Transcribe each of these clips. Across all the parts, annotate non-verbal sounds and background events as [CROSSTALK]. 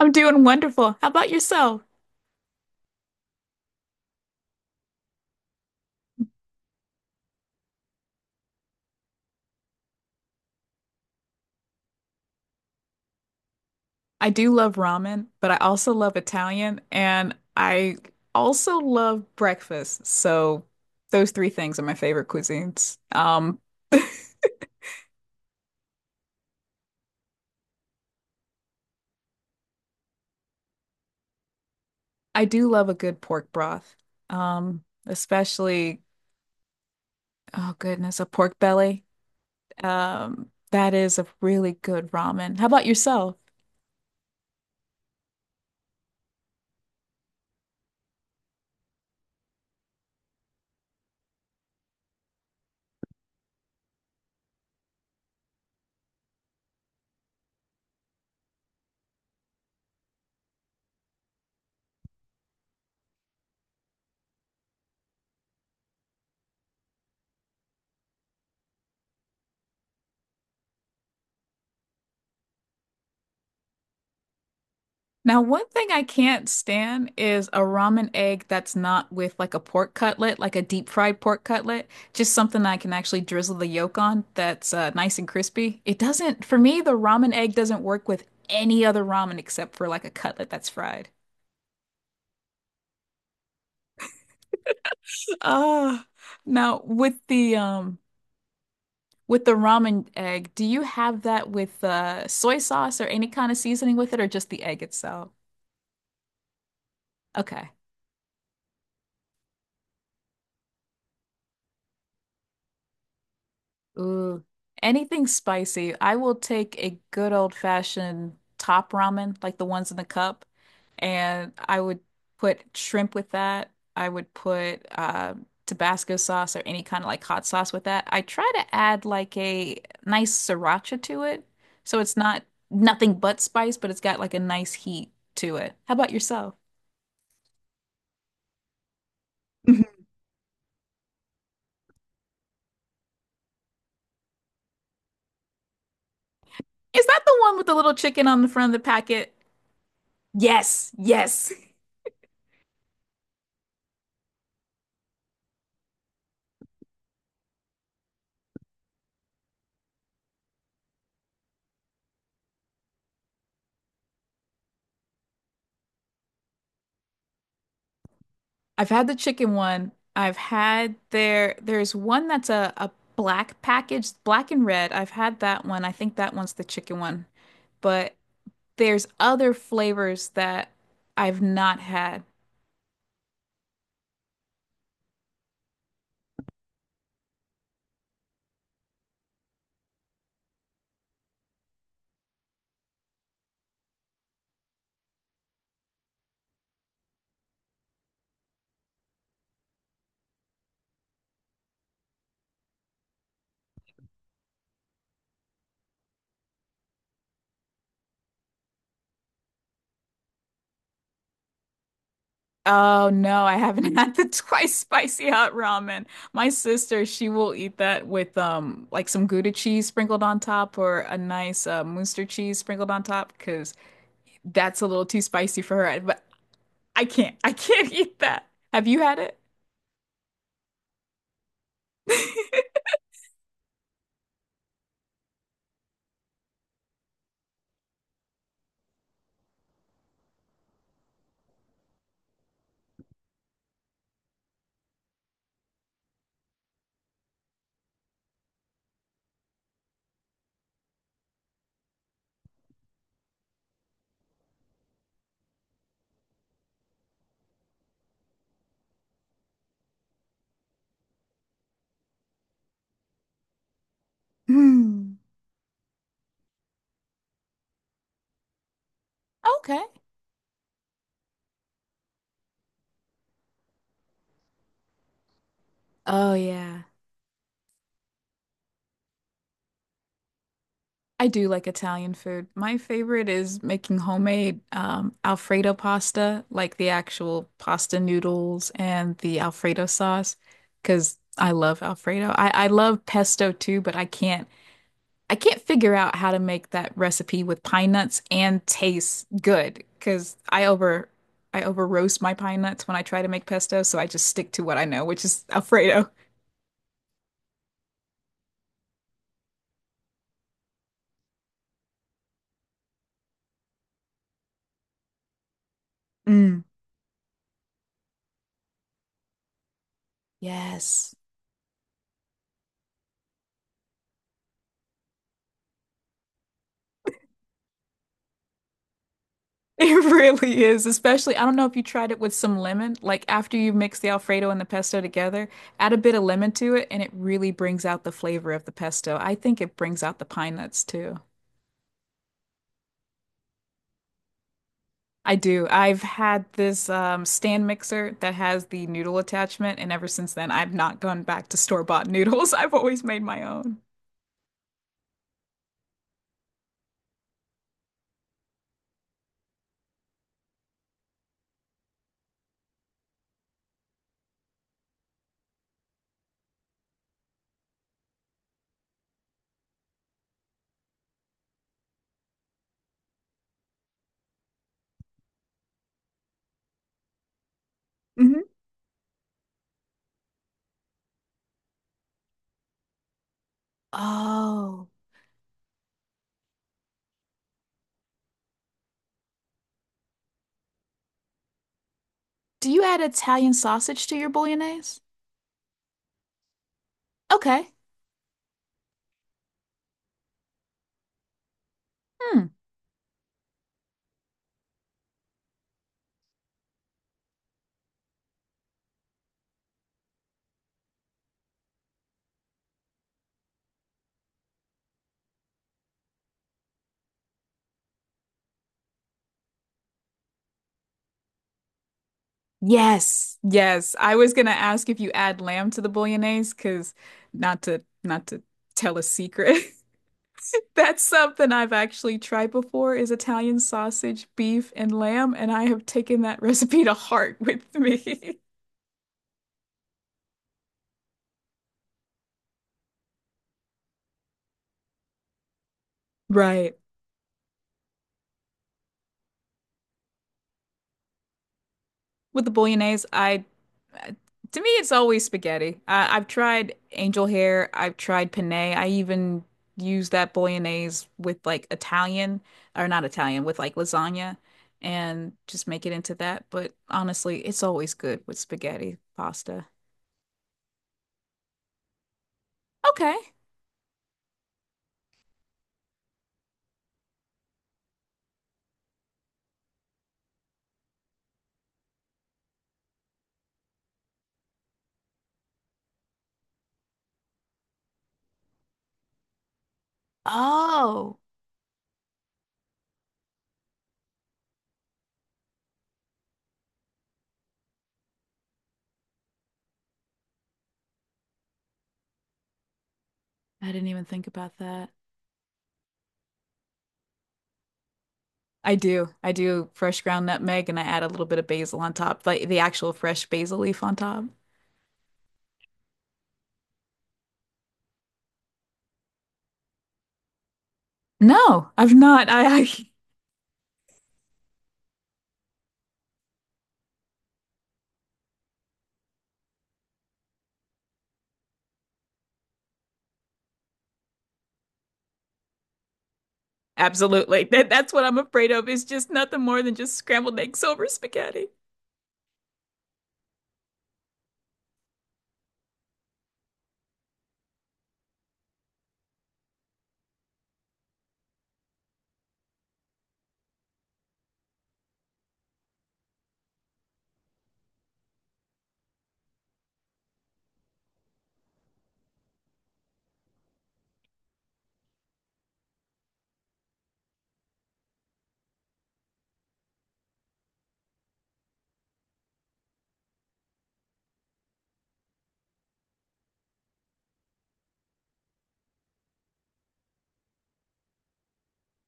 I'm doing wonderful. How about yourself? I do love ramen, but I also love Italian and I also love breakfast. So those three things are my favorite cuisines. I do love a good pork broth. Especially, oh goodness, a pork belly. That is a really good ramen. How about yourself? Now, one thing I can't stand is a ramen egg that's not with like a pork cutlet, like a deep fried pork cutlet, just something I can actually drizzle the yolk on that's nice and crispy. It doesn't, for me, the ramen egg doesn't work with any other ramen except for like a cutlet that's fried. Ah, now with the with the ramen egg, do you have that with soy sauce or any kind of seasoning with it or just the egg itself? Okay. Ooh, anything spicy. I will take a good old fashioned top ramen, like the ones in the cup, and I would put shrimp with that. I would put Tabasco sauce or any kind of like hot sauce with that. I try to add like a nice sriracha to it, so it's not nothing but spice, but it's got like a nice heat to it. How about yourself? Mhm. Is that the one with the little chicken on the front of the packet? Yes, yes. I've had the chicken one. I've had their There's one that's a black package, black and red. I've had that one. I think that one's the chicken one. But there's other flavors that I've not had. Oh no, I haven't [LAUGHS] had the twice spicy hot ramen. My sister, she will eat that with like some Gouda cheese sprinkled on top or a nice Munster cheese sprinkled on top because that's a little too spicy for her. But I can't [LAUGHS] eat that. Have you had it? Mm. Okay. Oh yeah. I do like Italian food. My favorite is making homemade Alfredo pasta, like the actual pasta noodles and the Alfredo sauce, because I love Alfredo. I love pesto too, but I can't figure out how to make that recipe with pine nuts and taste good, because I over roast my pine nuts when I try to make pesto, so I just stick to what I know, which is Alfredo. Mm. Yes. [LAUGHS] It really is, especially I don't know if you tried it with some lemon, like after you mix the Alfredo and the pesto together, add a bit of lemon to it and it really brings out the flavor of the pesto. I think it brings out the pine nuts too. I do. I've had this stand mixer that has the noodle attachment, and ever since then, I've not gone back to store-bought noodles. [LAUGHS] I've always made my own. Mhm. Oh, do you add Italian sausage to your bolognese? Okay. Hmm. Yes. Yes. I was gonna ask if you add lamb to the bolognese, because not to tell a secret. [LAUGHS] That's something I've actually tried before is Italian sausage, beef, and lamb, and I have taken that recipe to heart with me. [LAUGHS] Right. With the bolognese, I uh, to me it's always spaghetti. I've tried angel hair, I've tried penne. I even use that bolognese with like Italian or not Italian with like lasagna and just make it into that. But honestly, it's always good with spaghetti pasta. Okay. Oh, I didn't even think about that. I do. I do fresh ground nutmeg and I add a little bit of basil on top, like the actual fresh basil leaf on top. No, I've not. I, Absolutely. [LAUGHS] That's what I'm afraid of is just nothing more than just scrambled eggs over spaghetti.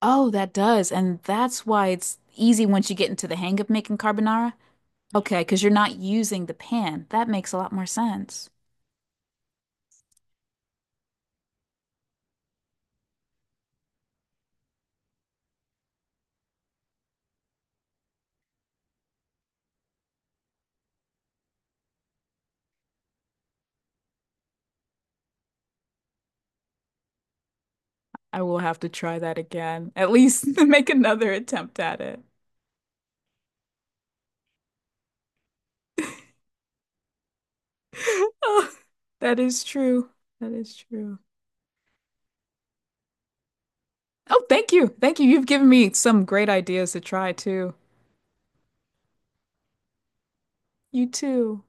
Oh, that does. And that's why it's easy once you get into the hang of making carbonara. Okay, because you're not using the pan. That makes a lot more sense. I will have to try that again. At least [LAUGHS] make another attempt at it. [LAUGHS] Oh, that is true. That is true. Oh, thank you. Thank you. You've given me some great ideas to try too. You too.